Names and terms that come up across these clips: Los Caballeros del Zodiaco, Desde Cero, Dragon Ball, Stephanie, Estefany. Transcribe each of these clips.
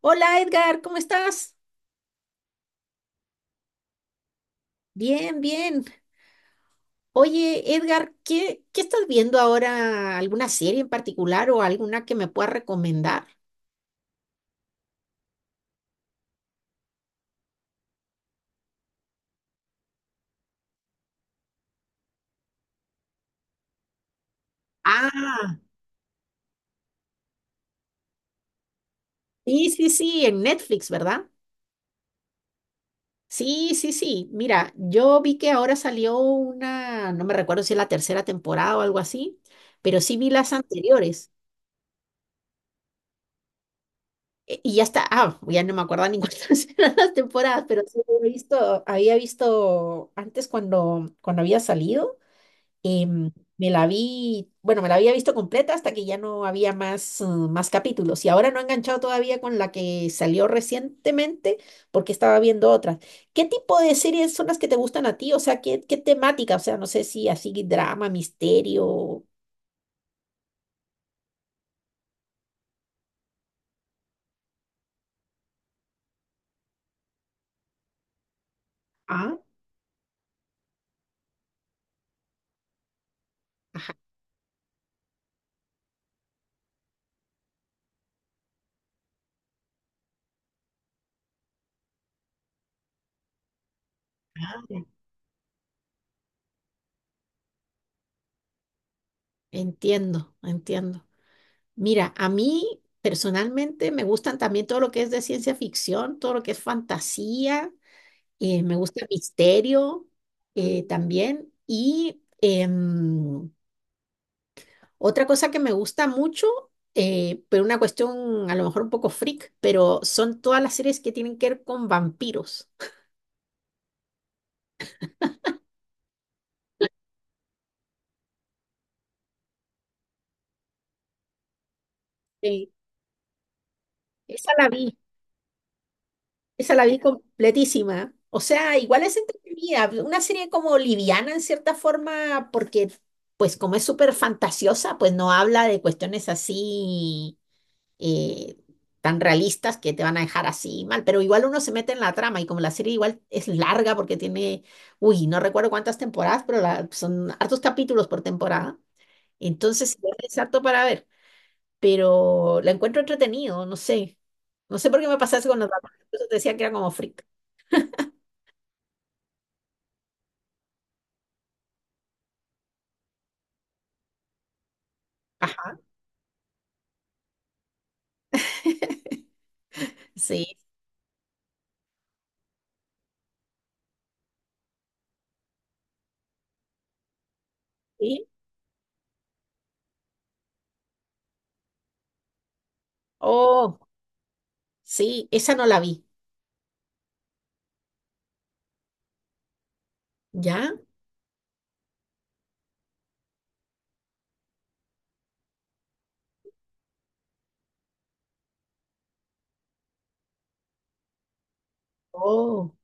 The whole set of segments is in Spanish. Hola Edgar, ¿cómo estás? Bien, bien. Oye Edgar, ¿qué estás viendo ahora? ¿Alguna serie en particular o alguna que me puedas recomendar? Ah, sí, sí, sí, en Netflix, ¿verdad? Sí, sí, sí. Mira, yo vi que ahora salió una, no me recuerdo si es la tercera temporada o algo así, pero sí vi las anteriores. Y ya está, ah, ya no me acuerdo ni cuántas eran las temporadas, pero sí he visto, había visto antes cuando había salido. Em, Me la vi, bueno, me la había visto completa hasta que ya no había más, más capítulos y ahora no he enganchado todavía con la que salió recientemente porque estaba viendo otras. ¿Qué tipo de series son las que te gustan a ti? O sea, ¿qué temática? O sea, no sé si así drama, misterio. Ah, ajá. Ah, entiendo, entiendo. Mira, a mí personalmente me gustan también todo lo que es de ciencia ficción, todo lo que es fantasía. Me gusta el misterio también. Otra cosa que me gusta mucho, pero una cuestión a lo mejor un poco freak, pero son todas las series que tienen que ver con vampiros. Sí. Esa la vi, esa la vi completísima. O sea, igual es entretenida, una serie como liviana en cierta forma, porque pues como es súper fantasiosa, pues no habla de cuestiones así eh, tan realistas que te van a dejar así mal, pero igual uno se mete en la trama y como la serie igual es larga porque tiene, uy, no recuerdo cuántas temporadas, pero son hartos capítulos por temporada, entonces igual es harto para ver, pero la encuentro entretenido, no sé, no sé por qué me pasa eso con los dramas, entonces decía que era como freak. Ajá, sí, sí, oh, sí, esa no la vi, ¿ya? Oh,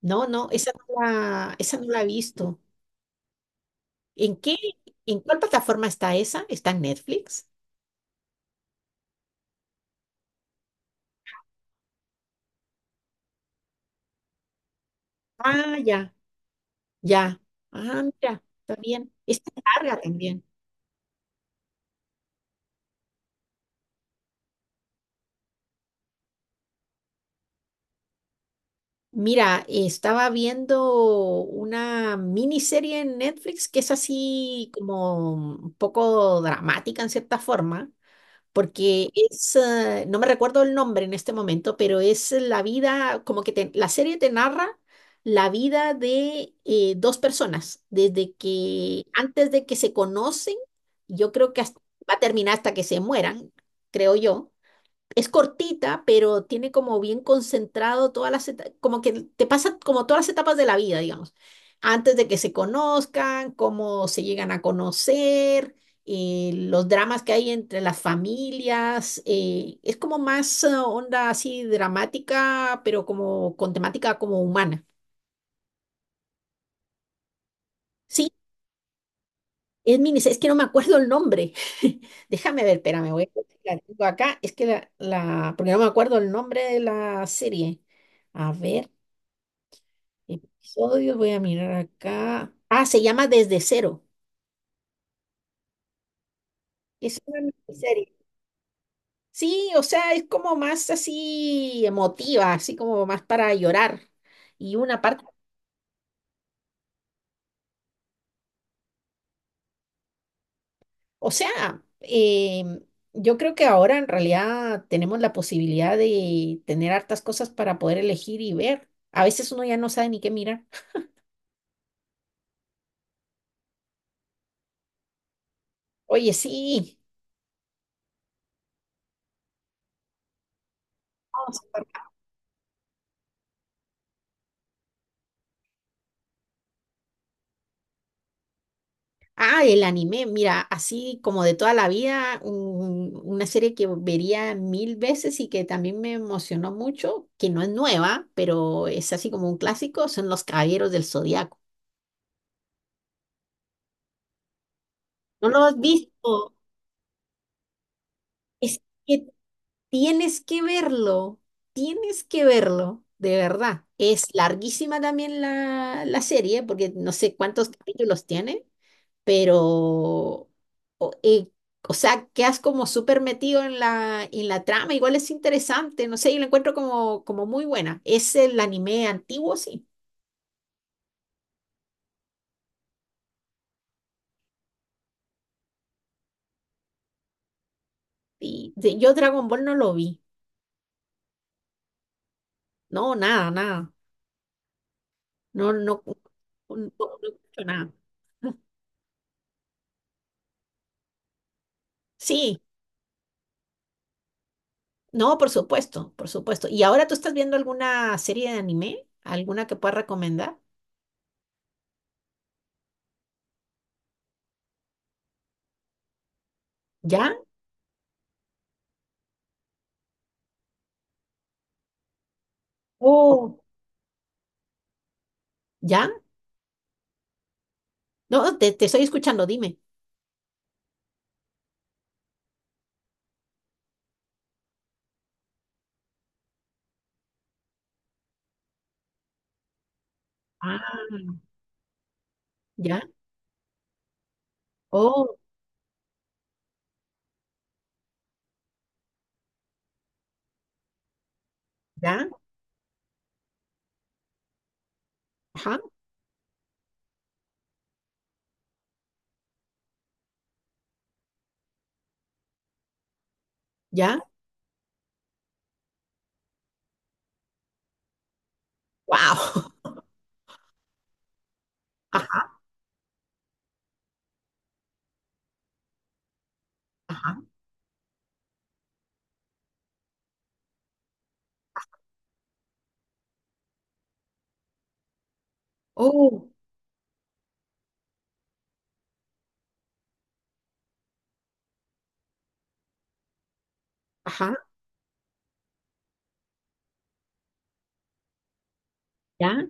no, esa no la he visto. ¿En qué, ¿en cuál plataforma está esa? ¿Está en Netflix? Ah, ya, ya. Ah, mira, está bien. Está larga también. Mira, estaba viendo una miniserie en Netflix que es así como un poco dramática en cierta forma, porque es, no me recuerdo el nombre en este momento, pero es la vida, como que la serie te narra la vida de dos personas, desde que, antes de que se conocen, yo creo que va a terminar hasta que se mueran, creo yo es cortita, pero tiene como bien concentrado todas las etapas, como que te pasa como todas las etapas de la vida, digamos, antes de que se conozcan, cómo se llegan a conocer, los dramas que hay entre las familias, es como más onda así dramática, pero como con temática como humana. Sí, es mini, es que no me acuerdo el nombre. Déjame ver, espérame, voy a ver si la tengo acá, es que porque no me acuerdo el nombre de la serie. A ver. Episodios, voy a mirar acá. Ah, se llama Desde Cero. Es una serie. Sí, o sea, es como más así emotiva, así como más para llorar. Y una parte, o sea, yo creo que ahora en realidad tenemos la posibilidad de tener hartas cosas para poder elegir y ver. A veces uno ya no sabe ni qué mirar. Oye, sí. Vamos. Ah, el anime, mira, así como de toda la vida, una serie que vería mil veces y que también me emocionó mucho, que no es nueva, pero es así como un clásico, son Los Caballeros del Zodiaco. ¿No lo has visto? Es que tienes que verlo, tienes que verlo, de verdad. Es larguísima también la serie, porque no sé cuántos capítulos tiene. Pero, o, eh, o sea, quedas como súper metido en la trama, igual es interesante, no sé, yo lo encuentro como, como muy buena. Es el anime antiguo, sí. Yo Dragon Ball no lo vi, no, nada, nada, no, no, no, no, no escucho nada. Sí, no, por supuesto, por supuesto. ¿Y ahora tú estás viendo alguna serie de anime? ¿Alguna que puedas recomendar? ¿Ya? Oh, ¿ya? No, te estoy escuchando, dime. Ah, ¿ya? Oh, ¿ya? Ajá, ya, wow. Ajá, ajá. Oh, ajá, ya,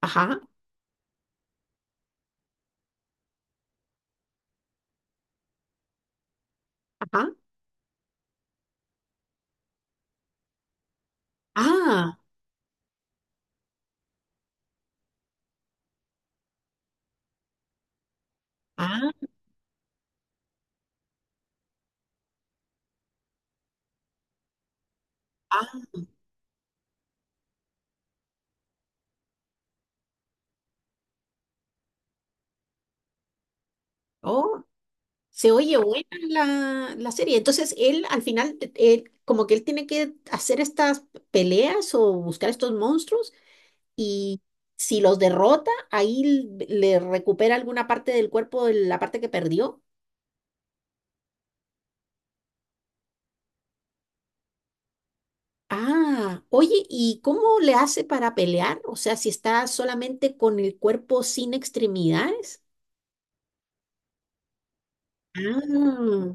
ajá, ajá. Ah, ah, ah. Oh, se oye buena la serie. Entonces, él al final, como que él tiene que hacer estas peleas o buscar estos monstruos y si los derrota, ahí le recupera alguna parte del cuerpo, de la parte que perdió. Ah, oye, ¿y cómo le hace para pelear? O sea, si está solamente con el cuerpo sin extremidades. Ah,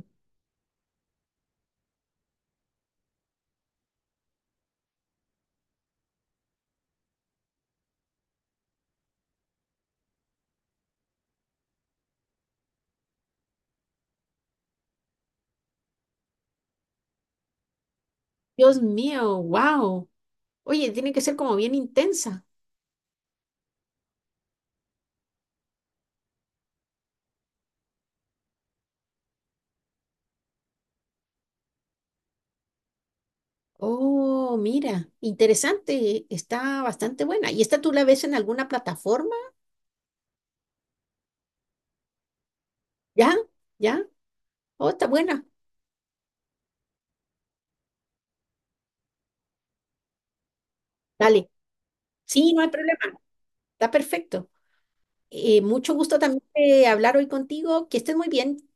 Dios mío, wow. Oye, tiene que ser como bien intensa. Oh, mira, interesante, está bastante buena. ¿Y esta tú la ves en alguna plataforma? ¿Ya? ¿Ya? Oh, está buena. Dale. Sí, no hay problema, está perfecto. Mucho gusto también de hablar hoy contigo. Que estés muy bien.